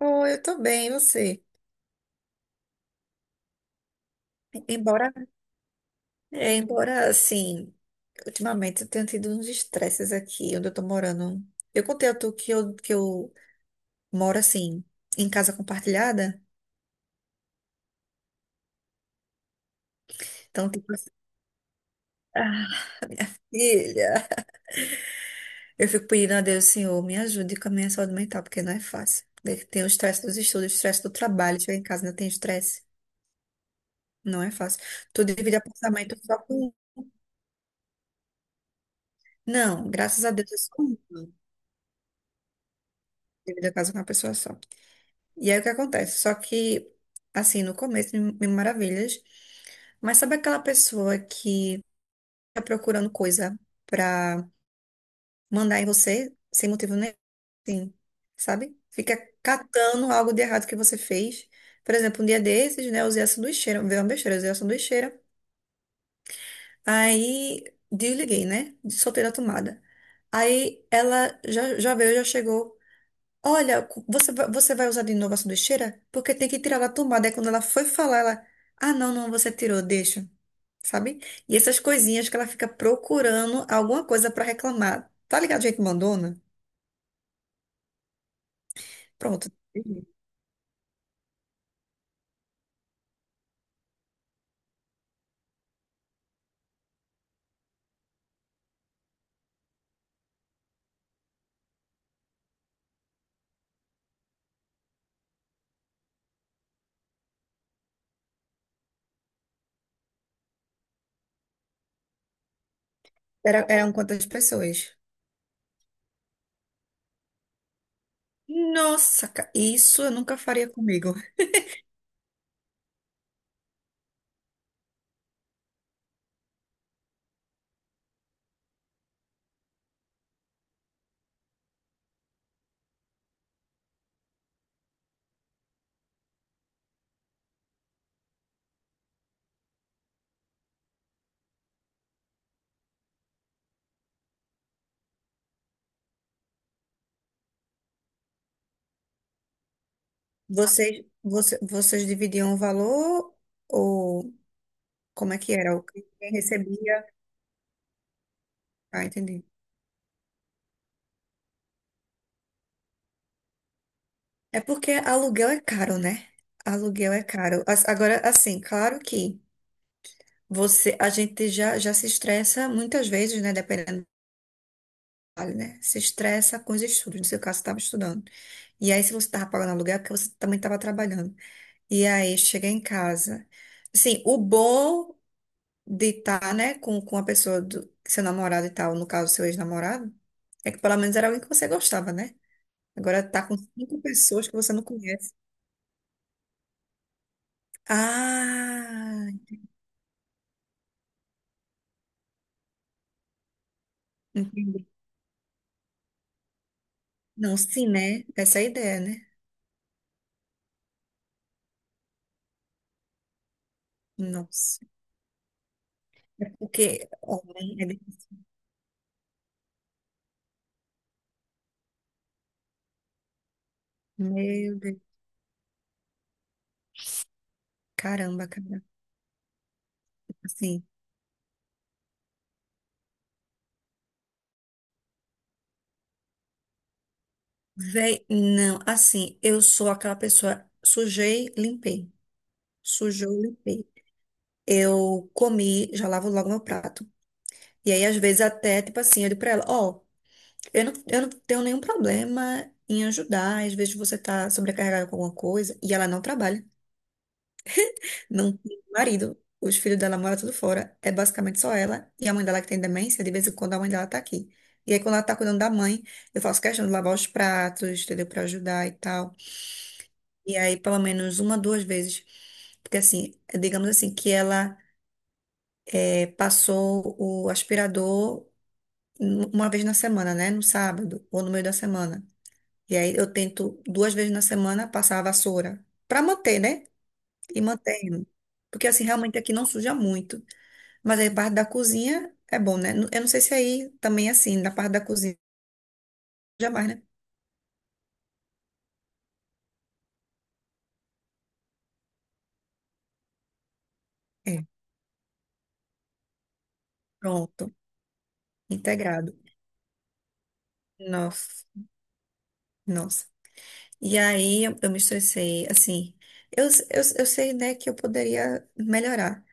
Oh, eu tô bem, e você? Embora, embora assim, ultimamente eu tenho tido uns estresses aqui onde eu tô morando. Eu contei a tu que eu moro assim, em casa compartilhada. Então, tipo assim, ah, filha, eu fico pedindo a Deus, Senhor, me ajude com a minha saúde mental, porque não é fácil. Tem o estresse dos estudos, o estresse do trabalho, chegar em casa ainda tem estresse. Não é fácil. Tu divide apartamento só com um? Não, graças a Deus é só um. Divide a casa com uma pessoa só. E aí o que acontece? Só que, assim, no começo, mil maravilhas. Mas sabe aquela pessoa que tá procurando coisa pra mandar em você sem motivo nenhum, assim, sabe? Fica catando algo de errado que você fez. Por exemplo, um dia desses, né, eu usei a sanduicheira, veio uma besteira, eu usei a sanduicheira. Aí desliguei, né? Soltei da tomada. Aí ela já veio, já chegou. Olha, você vai usar de novo a sanduicheira? Porque tem que tirar da tomada. Aí quando ela foi falar, ela. Ah, não, não, você tirou, deixa. Sabe? E essas coisinhas que ela fica procurando alguma coisa pra reclamar. Tá ligado, gente mandona? Pronto. Eram quantas pessoas? Nossa, isso eu nunca faria comigo. Vocês dividiam o valor ou como é que era? O que quem recebia? Ah, entendi. É porque aluguel é caro, né? Aluguel é caro. Agora, assim, claro que a gente já se estressa muitas vezes, né? Dependendo do trabalho, né? Se estressa com os estudos. No seu caso, você estava estudando. E aí, se você estava pagando aluguel, é porque você também estava trabalhando. E aí, chega em casa. Assim, o bom de estar, né, com a pessoa do seu namorado e tal, no caso, seu ex-namorado, é que pelo menos era alguém que você gostava, né? Agora tá com cinco pessoas que você não conhece. Ah! Entendi. Não, sim, né? Essa é a ideia, né? Nossa. É porque homem é difícil. Meu Deus. Caramba, cara. Assim, véi, não, assim, eu sou aquela pessoa, sujei, limpei. Sujou, limpei. Eu comi, já lavo logo meu prato. E aí, às vezes, até, tipo assim, eu digo pra ela, ó, eu não tenho nenhum problema em ajudar, às vezes você tá sobrecarregada com alguma coisa, e ela não trabalha. Não tem marido. Os filhos dela moram tudo fora. É basicamente só ela. E a mãe dela que tem demência, de vez em quando a mãe dela tá aqui. E aí, quando ela tá cuidando da mãe, eu faço questão de lavar os pratos, entendeu? Pra ajudar e tal. E aí, pelo menos uma, duas vezes. Porque assim, digamos assim, que ela passou o aspirador uma vez na semana, né? No sábado ou no meio da semana. E aí eu tento duas vezes na semana passar a vassoura. Pra manter, né? E mantendo. Porque assim, realmente aqui não suja muito. Mas aí parte da cozinha é bom, né? Eu não sei se aí também é assim, na parte da cozinha jamais, né? É, pronto, integrado. Nossa, nossa. E aí eu me estressei, assim. Eu sei, né, que eu poderia melhorar,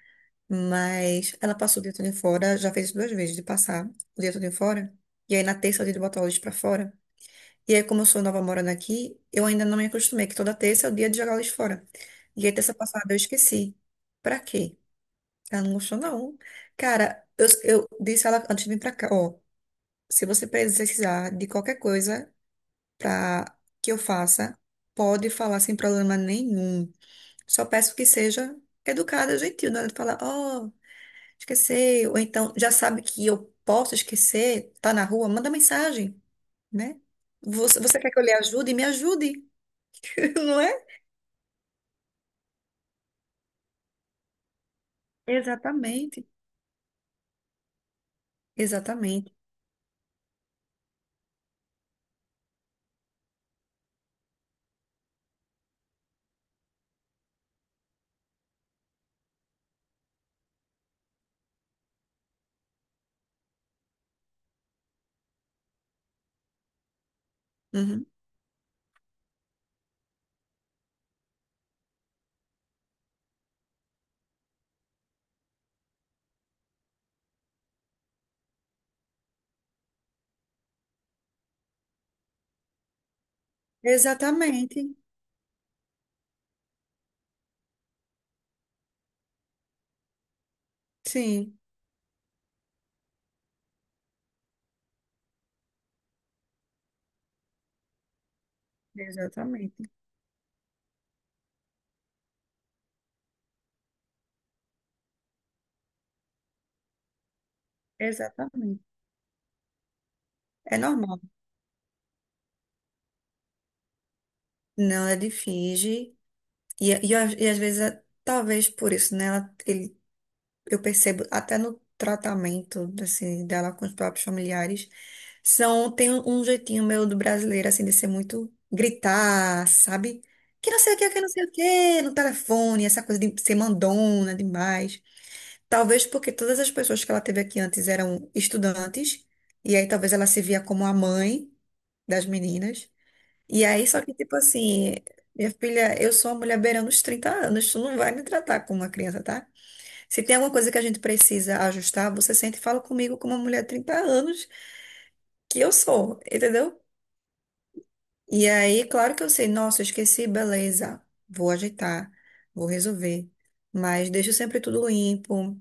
mas ela passou o dia todo em fora, já fez isso duas vezes de passar o dia todo em fora. E aí na terça é o dia de botar o lixo pra fora. E aí, como eu sou nova morando aqui, eu ainda não me acostumei, que toda terça é o dia de jogar o lixo fora. E aí, terça passada eu esqueci. Pra quê? Ela não gostou, não. Cara, eu disse a ela antes de vir pra cá, ó, se você precisar de qualquer coisa pra que eu faça, pode falar sem problema nenhum. Só peço que seja educada, gentil, não é de falar, ó, esqueci, ou então já sabe que eu posso esquecer, tá na rua, manda mensagem, né? Você quer que eu lhe ajude? Me ajude, não é? Exatamente, exatamente. Uhum. Exatamente, sim, exatamente, exatamente. É normal. Não, ela finge. E às vezes, talvez por isso, né? Eu percebo até no tratamento assim, dela com os próprios familiares, são, tem um jeitinho meio do brasileiro, assim, de ser muito gritar, sabe? Que não sei o que, que não sei o que, no telefone, essa coisa de ser mandona demais. Talvez porque todas as pessoas que ela teve aqui antes eram estudantes, e aí talvez ela se via como a mãe das meninas. E aí, só que, tipo assim, minha filha, eu sou uma mulher beirando os 30 anos, tu não vai me tratar como uma criança, tá? Se tem alguma coisa que a gente precisa ajustar, você sente e fala comigo como uma mulher de 30 anos, que eu sou, entendeu? E aí, claro que eu sei, nossa, eu esqueci, beleza, vou ajeitar, vou resolver. Mas deixo sempre tudo limpo.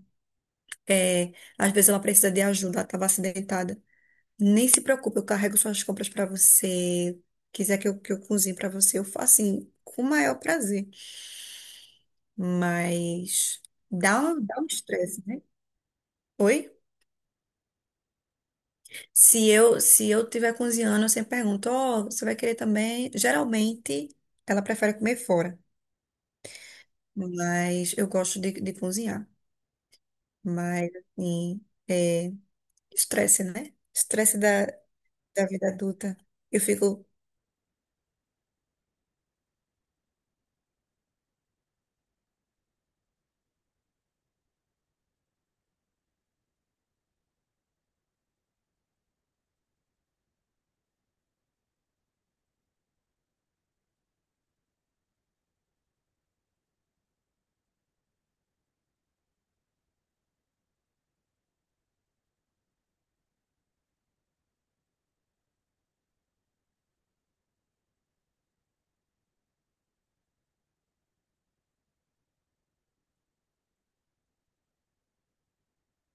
É, às vezes ela precisa de ajuda, ela estava acidentada. Nem se preocupe, eu carrego suas compras para você. Quiser que eu cozinhe para você, eu faço assim, com o maior prazer. Mas dá um estresse, né? Oi? Se eu tiver cozinhando, eu sempre pergunto, ó, você vai querer também? Geralmente, ela prefere comer fora, mas eu gosto de cozinhar. Mas, assim, é estresse, né? Estresse da vida adulta. Eu fico,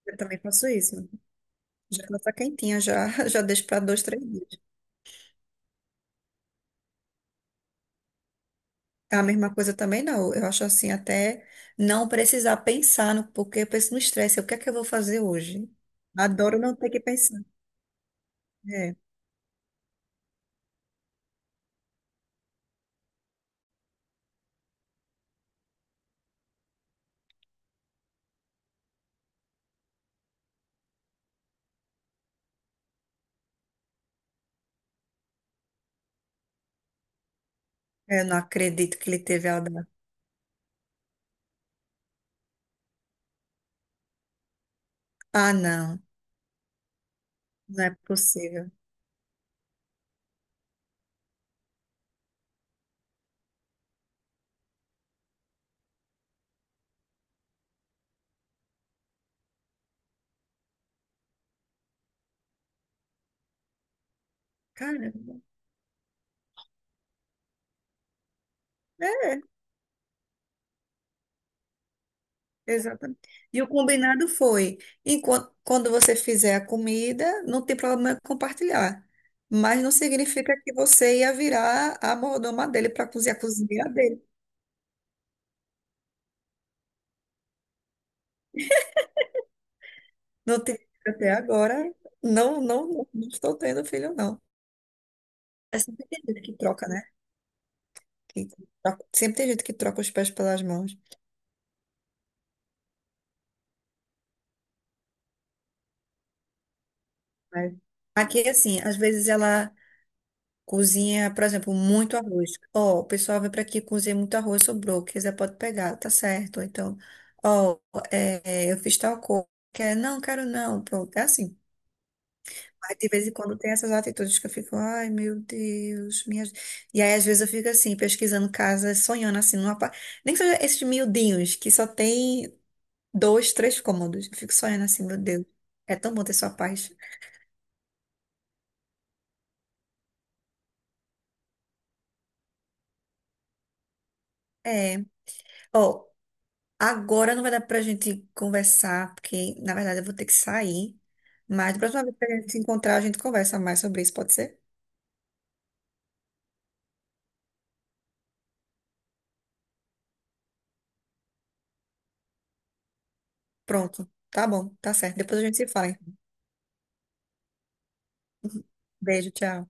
eu também faço isso. Já faço a quentinha, já, já deixo para dois, três dias. A mesma coisa também não. Eu acho assim, até não precisar pensar no porque eu penso no estresse. O que é que eu vou fazer hoje? Adoro não ter que pensar. É, eu não acredito que ele teve aula. Ah, não, não é possível. Caramba. É, exatamente. E o combinado foi, quando você fizer a comida, não tem problema em compartilhar. Mas não significa que você ia virar a mordoma dele para cozinhar a cozinha. Não tive filho até agora. Não, não, não, não estou tendo filho, não. É sempre tem gente que troca, né? Que Sempre tem gente que troca os pés pelas mãos. Mas aqui, assim, às vezes ela cozinha, por exemplo, muito arroz. Ó, o pessoal vem para aqui cozinha muito arroz, sobrou. Quiser pode pegar, tá certo. Ou então, ó, é, eu fiz tal coisa. Quer? Não, quero não. Pronto, é assim. Mas de vez em quando tem essas atitudes que eu fico, ai meu Deus, minha... E aí às vezes eu fico assim, pesquisando casas, sonhando assim, nem que seja esses miudinhos que só tem dois, três cômodos. Eu fico sonhando assim, meu Deus, é tão bom ter sua paz. É, ó, agora não vai dar pra gente conversar, porque na verdade eu vou ter que sair, mas da próxima vez que a gente se encontrar, a gente conversa mais sobre isso, pode ser? Pronto, tá bom, tá certo, depois a gente se fala. Beijo, tchau.